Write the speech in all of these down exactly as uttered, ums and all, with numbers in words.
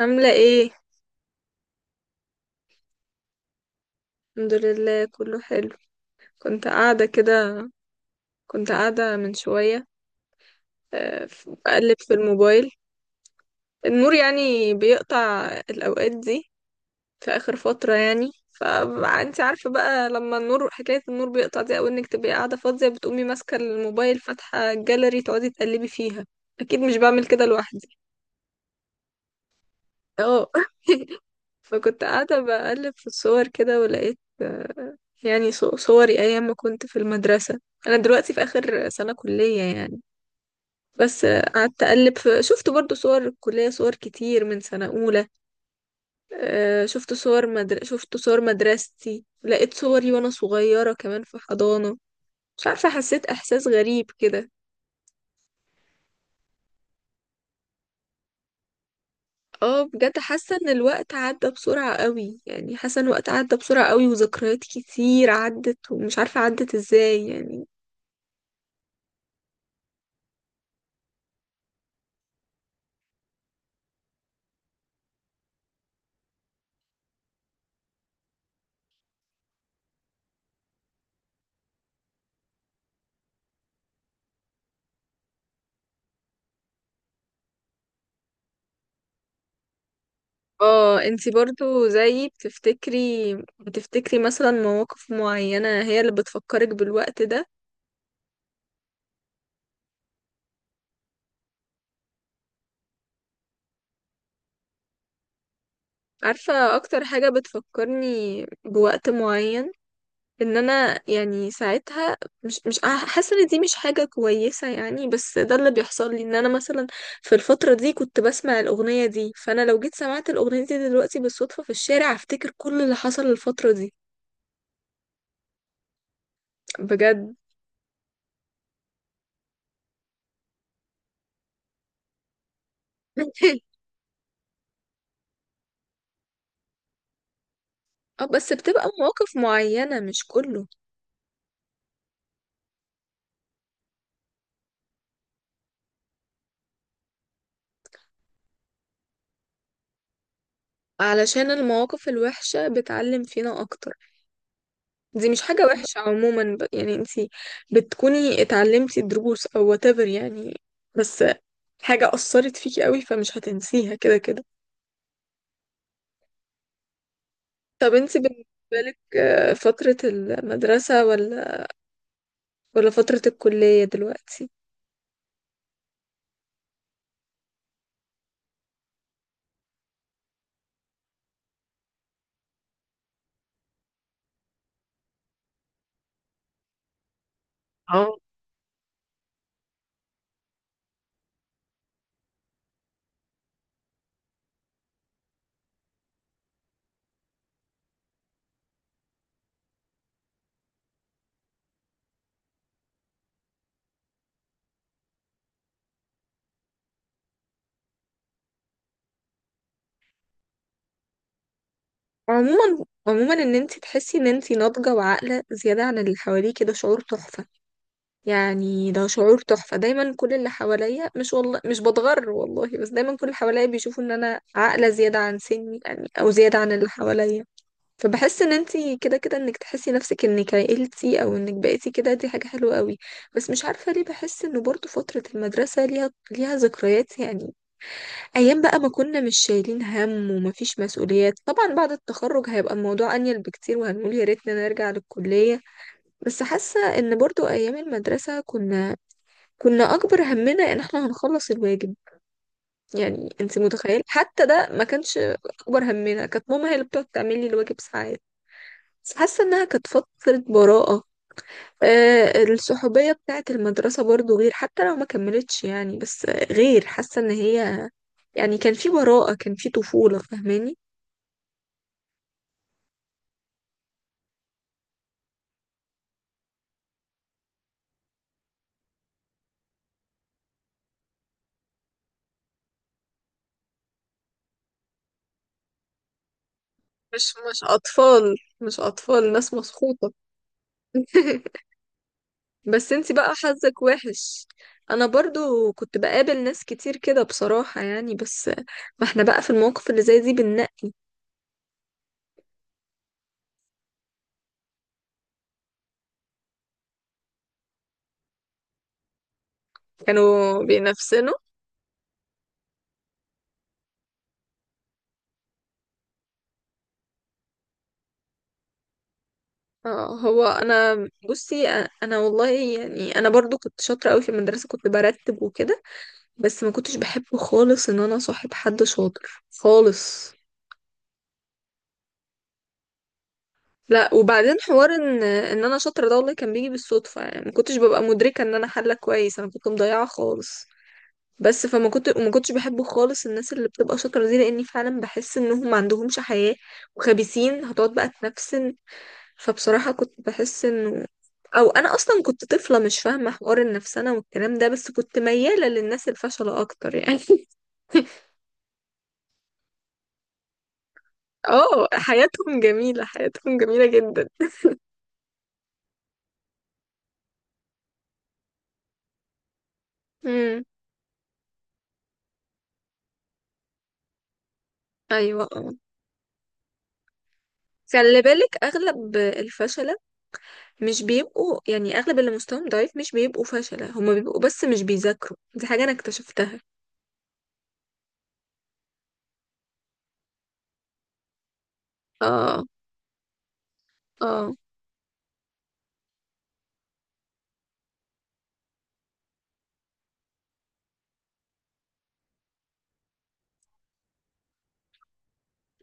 عاملة ايه؟ الحمد لله كله حلو. كنت قاعدة كده، كنت قاعدة من شوية. آه، ف- بقلب في الموبايل. النور يعني بيقطع الأوقات دي في آخر فترة يعني، فانت عارفة بقى لما النور، حكاية النور بيقطع دي أو انك تبقي قاعدة فاضية بتقومي ماسكة الموبايل فاتحة الجاليري تقعدي تقلبي فيها. أكيد مش بعمل كده لوحدي. اه فكنت قاعدة بقلب في الصور كده ولقيت آه، يعني صو- صوري أيام ما كنت في المدرسة. أنا دلوقتي في آخر سنة كلية يعني. بس آه، قعدت أقلب في، شفت برضو صور الكلية، صور كتير من سنة أولى. آه، شفت صور مدر... شفت صور مدرستي، لقيت صوري وأنا صغيرة كمان في حضانة. مش عارفة، حسيت إحساس غريب كده. اه بجد، حاسة إن الوقت عدى بسرعة قوي، يعني حاسة إن الوقت عدى بسرعة قوي وذكريات كتير عدت ومش عارفة عدت إزاي يعني. اه، انتي برضو زيي بتفتكري، بتفتكري مثلا مواقف معينة هي اللي بتفكرك بالوقت ده. عارفة اكتر حاجة بتفكرني بوقت معين، ان انا يعني ساعتها مش مش حاسة ان دي مش حاجة كويسة يعني، بس ده اللي بيحصل لي ان انا مثلا في الفترة دي كنت بسمع الاغنية دي، فانا لو جيت سمعت الاغنية دي دلوقتي بالصدفة في الشارع هفتكر كل اللي حصل الفترة دي. بجد. اه بس بتبقى مواقف معينة مش كله. علشان المواقف الوحشة بتعلم فينا أكتر. دي مش حاجة وحشة عموما، ب... يعني انتي بتكوني اتعلمتي دروس أو whatever يعني، بس حاجة أثرت فيكي قوي فمش هتنسيها كده كده. طب انتي بالنسبة لك، آه، فترة المدرسة ولا، ولا فترة الكلية دلوقتي؟ اه، عموما عموما ان انتي تحسي ان انتي ناضجة وعاقلة زيادة عن اللي حواليكي ده شعور تحفة، يعني ده شعور تحفة. دايما كل اللي حواليا، مش والله مش بتغر والله، بس دايما كل اللي حواليا بيشوفوا ان انا عاقلة زيادة عن سني يعني او زيادة عن اللي حواليا. فبحس ان انتي كده كده انك تحسي نفسك انك عقلتي او انك بقيتي كده، دي حاجة حلوة قوي. بس مش عارفة ليه بحس انه برضو فترة المدرسة ليها ليها ذكريات يعني، ايام بقى ما كنا مش شايلين هم ومفيش مسؤوليات. طبعا بعد التخرج هيبقى الموضوع انيل بكتير وهنقول يا ريتنا نرجع للكلية، بس حاسة ان برضو ايام المدرسة كنا كنا اكبر همنا ان احنا هنخلص الواجب. يعني انت متخيل حتى ده ما كانش اكبر همنا، كانت ماما هي اللي بتقعد تعمل لي الواجب ساعات. بس حاسه انها كانت فتره براءه. آه الصحوبيه بتاعه المدرسه برضو غير، حتى لو ما كملتش يعني، بس غير حاسه ان هي، يعني كان في براءه كان في طفوله فاهماني. مش مش اطفال، مش اطفال، ناس مسخوطه. بس انتي بقى حظك وحش. انا برضو كنت بقابل ناس كتير كده بصراحة يعني، بس ما احنا بقى في المواقف اللي زي دي بننقي. كانوا بينافسنا. اه، هو انا بصي، اه انا والله يعني انا برضو كنت شاطرة قوي في المدرسة، كنت برتب وكده، بس ما كنتش بحب خالص ان انا صاحب حد شاطر خالص. لا، وبعدين حوار ان ان انا شاطرة ده والله كان بيجي بالصدفة يعني، ما كنتش ببقى مدركة ان انا حلة كويس، انا كنت مضيعة خالص. بس فما كنت وما كنتش بحب خالص الناس اللي بتبقى شاطره دي لاني فعلا بحس انهم ما عندهمش حياه وخبيثين هتقعد بقى تنفسن، فبصراحه كنت بحس انه، او انا اصلا كنت طفله مش فاهمه حوار النفسنه والكلام ده، بس كنت مياله للناس الفشله اكتر يعني. اه حياتهم جميله، حياتهم جميله جدا. امم. ايوه اه. خلي بالك اغلب الفشله مش بيبقوا يعني، اغلب اللي مستواهم ضعيف مش بيبقوا فشله، هما بيبقوا بس مش بيذاكروا، دي حاجه انا اكتشفتها. اه. اه،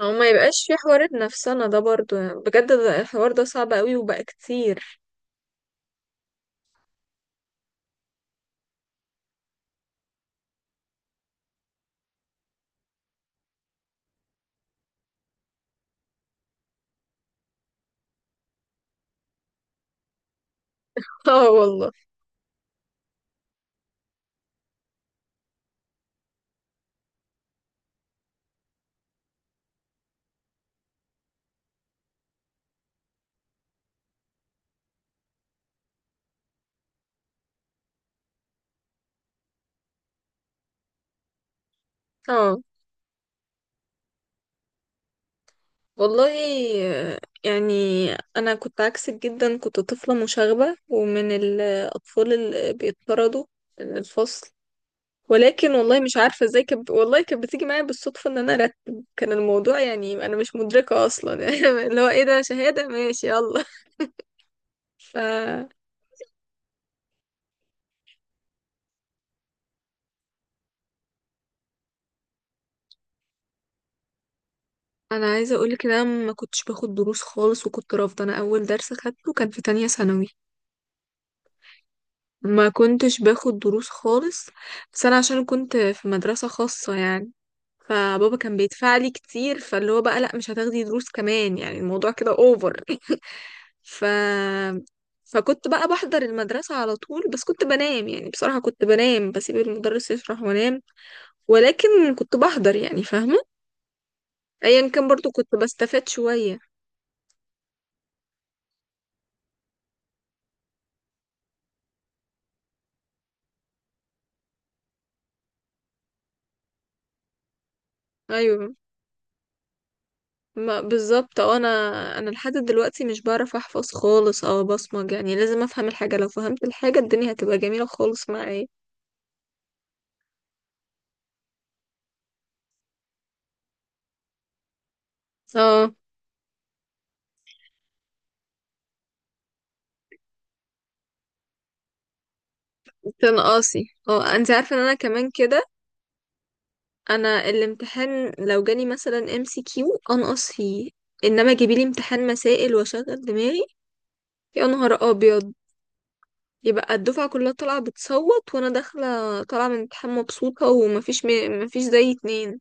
هو ما يبقاش في حوار نفسنا ده برضو يعني، بجد ده الحوار ده صعب قوي وبقى كتير. اه والله. اه والله. آه، يعني انا كنت عكسك جدا، كنت طفلة مشاغبة ومن الاطفال اللي بيطردوا من الفصل، ولكن والله مش عارفة ازاي كب... والله كانت بتيجي معايا بالصدفة ان انا ارتب، كان الموضوع يعني انا مش مدركة اصلا. اللي هو ايه ده، شهادة ماشي يلا. ف انا عايزه اقولك ان انا ما كنتش باخد دروس خالص وكنت رافضه، انا اول درس خدته كان في تانية ثانوي. ما كنتش باخد دروس خالص، بس انا عشان كنت في مدرسه خاصه يعني فبابا كان بيدفع لي كتير، فاللي هو بقى لا مش هتاخدي دروس كمان يعني الموضوع كده اوفر. ف فكنت بقى بحضر المدرسة على طول، بس كنت بنام يعني بصراحة كنت بنام، بسيب المدرس يشرح وانام، ولكن كنت بحضر يعني، فاهمة، ايا كان برضو كنت بستفاد شوية. ايوه ما بالظبط. اه انا، انا لحد دلوقتي مش بعرف احفظ خالص او بصمج، يعني لازم افهم الحاجه، لو فهمت الحاجه الدنيا هتبقى جميله خالص معايا. اه، تنقصي. اه انت عارفه ان انا كمان كده، انا الامتحان لو جالي مثلا ام سي كيو انقص فيه، انما جيبيلي امتحان مسائل واشغل دماغي. يا نهار ابيض، يبقى الدفعه كلها طالعه بتصوت وانا داخله طالعه من امتحان مبسوطه. ومفيش م... مفيش زي اتنين.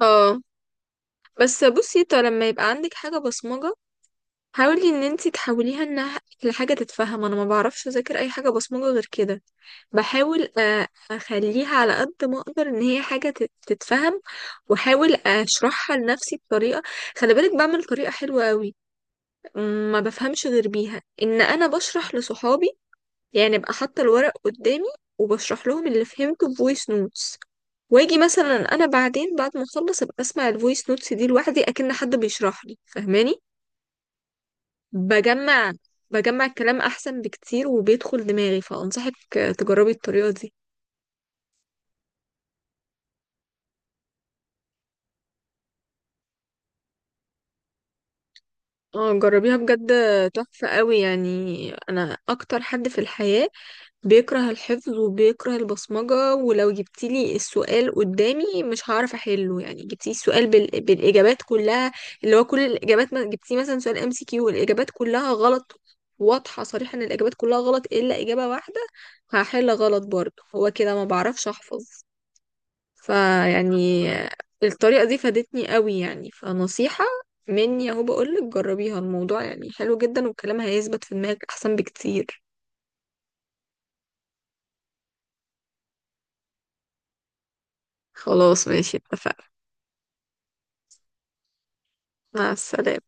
اه بس بصي، طب لما يبقى عندك حاجة بصمجة حاولي ان انتي تحوليها انها لحاجه تتفهم، انا ما بعرفش اذاكر اي حاجه بصمجه غير كده. بحاول آه، اخليها على قد ما اقدر ان هي حاجه تت- تتفهم، واحاول اشرحها لنفسي بطريقه، خلي بالك بعمل طريقه حلوه قوي، ما بفهمش غير بيها، ان انا بشرح لصحابي يعني، ابقى حاطه الورق قدامي وبشرح لهم اللي فهمته بفويس نوتس، واجي مثلا انا بعدين بعد ما اخلص ابقى اسمع الفويس نوتس دي لوحدي اكن حد بيشرح لي، فاهماني. بجمع بجمع الكلام احسن بكتير وبيدخل دماغي، فانصحك تجربي الطريقة دي، اه جربيها بجد، تحفة قوي. يعني انا اكتر حد في الحياة بيكره الحفظ وبيكره البصمجة، ولو جبتيلي السؤال قدامي مش هعرف احله، يعني جبتيلي السؤال بال... بالاجابات كلها، اللي هو كل الاجابات ما جبتيه مثلا سؤال ام سي كيو الاجابات كلها غلط، واضحة صريحة ان الاجابات كلها غلط الا اجابة واحدة، هحل غلط برضه، هو كده ما بعرفش احفظ. فيعني الطريقة دي فادتني قوي يعني، فنصيحة مني اهو بقولك جربيها، الموضوع يعني حلو جدا والكلام هيثبت في دماغك احسن بكتير. خلاص ماشي اتفقنا. مع السلامة.